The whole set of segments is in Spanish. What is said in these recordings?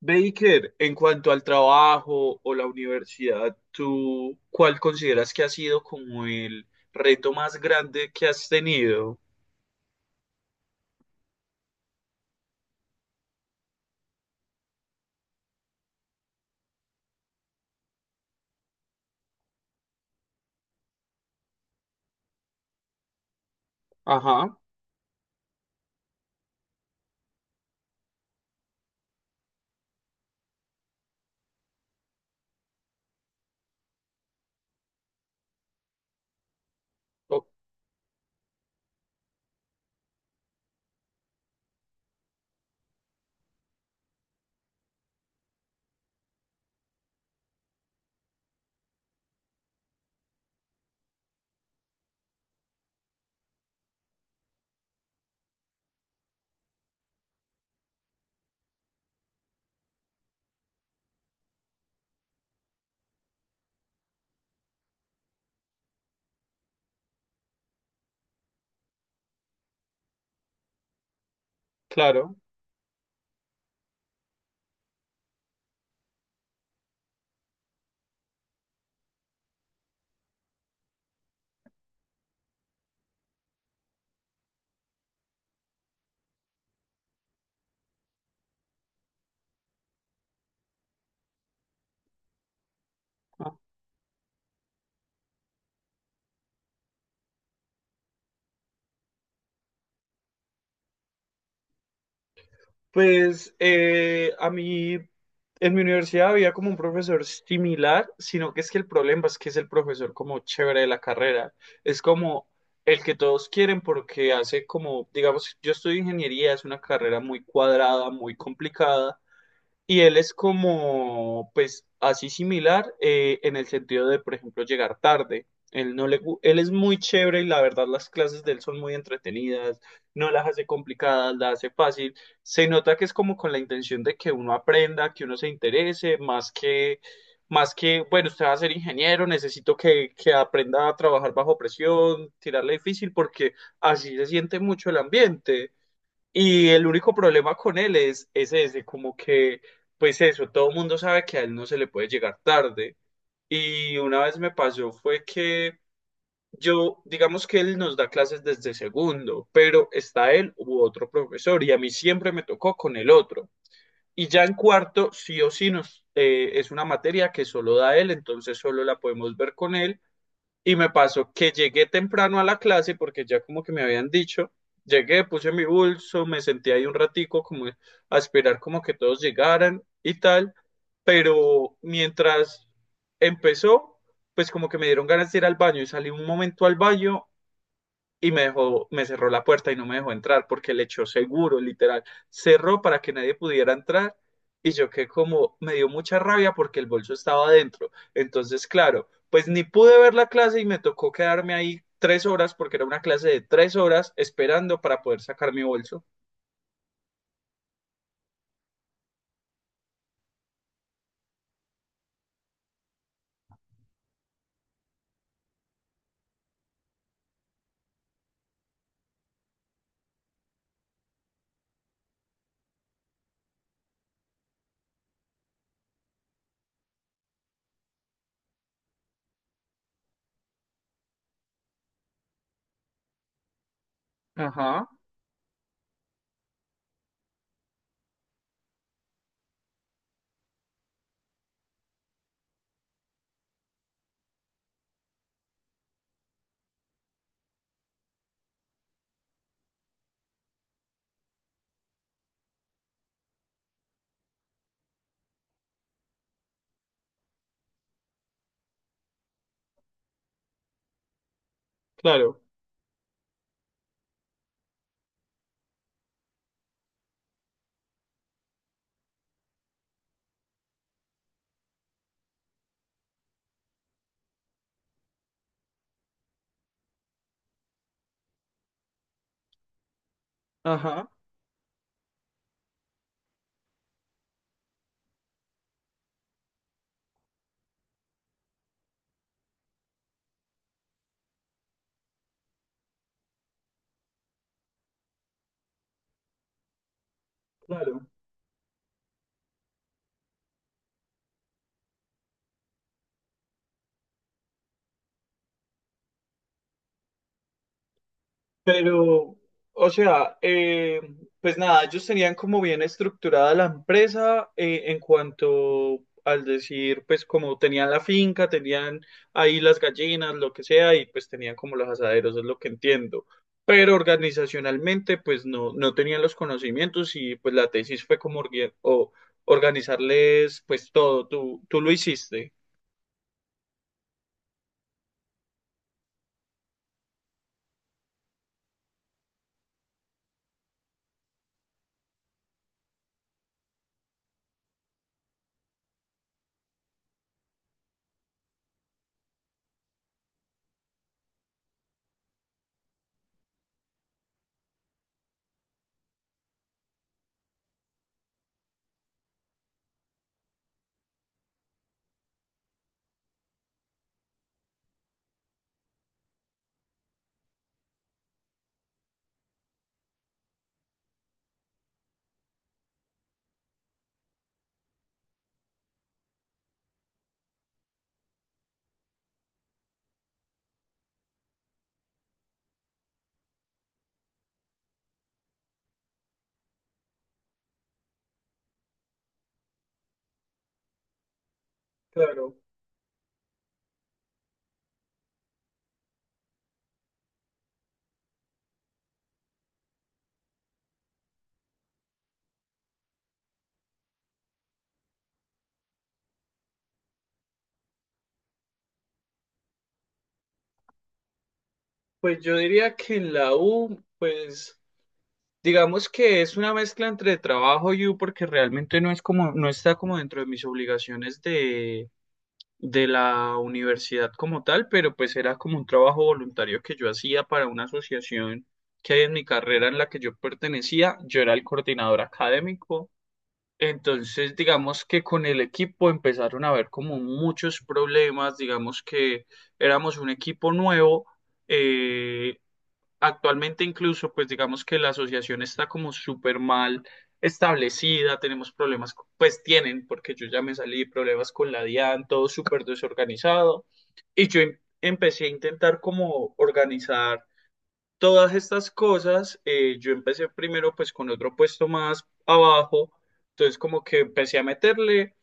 Baker, en cuanto al trabajo o la universidad, ¿tú cuál consideras que ha sido como el reto más grande que has tenido? Ajá, o- claro. Ah. Pues a mí en mi universidad había como un profesor similar, sino que es que el problema es que es el profesor como chévere de la carrera. Es como el que todos quieren porque hace como, digamos, yo estudio ingeniería, es una carrera muy cuadrada, muy complicada. Y él es como, pues, así similar, en el sentido de, por ejemplo, llegar tarde. Él no le, él es muy chévere y la verdad las clases de él son muy entretenidas, no las hace complicadas, las hace fácil. Se nota que es como con la intención de que uno aprenda, que uno se interese, más que, bueno, usted va a ser ingeniero, necesito que aprenda a trabajar bajo presión, tirarle difícil, porque así se siente mucho el ambiente. Y el único problema con él es ese, como que, pues eso, todo el mundo sabe que a él no se le puede llegar tarde. Y una vez me pasó fue que yo, digamos que él nos da clases desde segundo, pero está él u otro profesor y a mí siempre me tocó con el otro. Y ya en cuarto, sí o sí, es una materia que solo da él, entonces solo la podemos ver con él, y me pasó que llegué temprano a la clase porque ya como que me habían dicho, llegué, puse mi bolso, me senté ahí un ratico como a esperar como que todos llegaran y tal, pero mientras empezó, pues como que me dieron ganas de ir al baño y salí un momento al baño, y me dejó, me cerró la puerta y no me dejó entrar porque le echó seguro, literal. Cerró para que nadie pudiera entrar y yo que como me dio mucha rabia porque el bolso estaba adentro. Entonces, claro, pues ni pude ver la clase y me tocó quedarme ahí 3 horas porque era una clase de 3 horas esperando para poder sacar mi bolso. Ajá, claro. Ajá, claro. Pero, o sea, pues nada, ellos tenían como bien estructurada la empresa, en cuanto al decir, pues como tenían la finca, tenían ahí las gallinas, lo que sea, y pues tenían como los asaderos, es lo que entiendo. Pero organizacionalmente, pues no, no tenían los conocimientos y pues la tesis fue como orgue- o organizarles pues todo, tú lo hiciste. Claro, pues yo diría que en la U, pues... Digamos que es una mezcla entre trabajo y U porque realmente no es como, no está como dentro de mis obligaciones de la universidad como tal, pero pues era como un trabajo voluntario que yo hacía para una asociación que hay en mi carrera en la que yo pertenecía. Yo era el coordinador académico. Entonces, digamos que con el equipo empezaron a haber como muchos problemas, digamos que éramos un equipo nuevo. eh, Actualmente incluso, pues digamos que la asociación está como súper mal establecida, tenemos problemas, pues tienen, porque yo ya me salí, problemas con la DIAN, todo súper desorganizado. Y yo empecé a intentar como organizar todas estas cosas. Yo empecé primero pues con otro puesto más abajo, entonces como que empecé a meterle,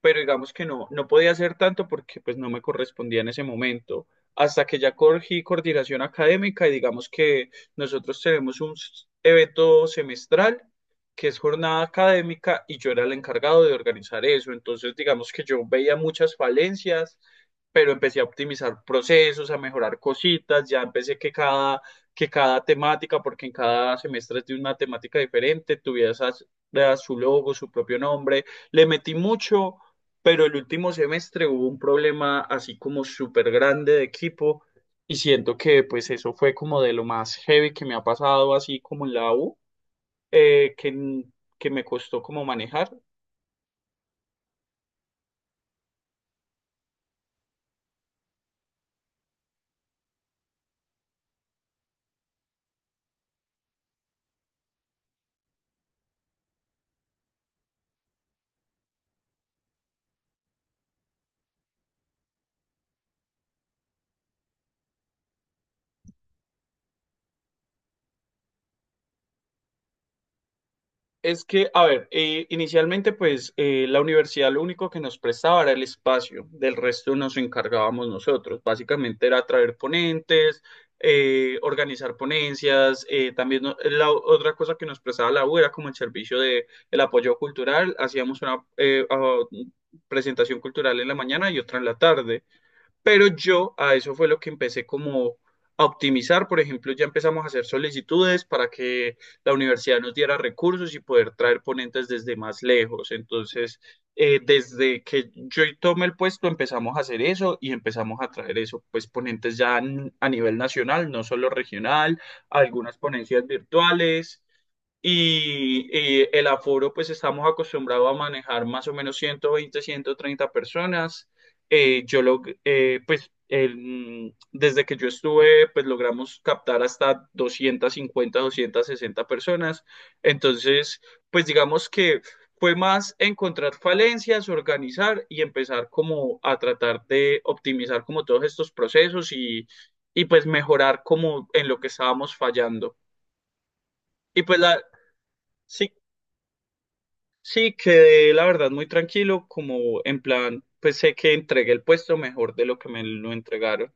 pero digamos que no, no podía hacer tanto porque pues no me correspondía en ese momento, hasta que ya cogí coordinación académica y digamos que nosotros tenemos un evento semestral que es jornada académica y yo era el encargado de organizar eso, entonces digamos que yo veía muchas falencias, pero empecé a optimizar procesos, a mejorar cositas, ya empecé que que cada temática, porque en cada semestre es de una temática diferente, tuviera su logo, su propio nombre, le metí mucho, pero el último semestre hubo un problema así como súper grande de equipo y siento que pues eso fue como de lo más heavy que me ha pasado así como en la U, eh, que, que me costó como manejar. Es que, a ver, inicialmente pues la universidad lo único que nos prestaba era el espacio, del resto nos encargábamos nosotros. Básicamente era traer ponentes, organizar ponencias, también otra cosa que nos prestaba la U era como el servicio de el apoyo cultural, hacíamos una presentación cultural en la mañana y otra en la tarde. Pero yo a eso fue lo que empecé como a optimizar. Por ejemplo, ya empezamos a hacer solicitudes para que la universidad nos diera recursos y poder traer ponentes desde más lejos. Entonces, desde que yo tomé el puesto, empezamos a hacer eso y empezamos a traer eso, pues ponentes ya a nivel nacional, no solo regional, algunas ponencias virtuales. Y el aforo, pues estamos acostumbrados a manejar más o menos 120, 130 personas. Pues desde que yo estuve, pues logramos captar hasta 250, sesenta personas. Entonces, pues digamos que fue más encontrar falencias, organizar y empezar como a tratar de optimizar como todos estos procesos y pues mejorar como en lo que estábamos fallando. Y pues la, sí, sí, quedé la verdad muy tranquilo, como en plan, pues sé que entregué el puesto mejor de lo que me lo entregaron.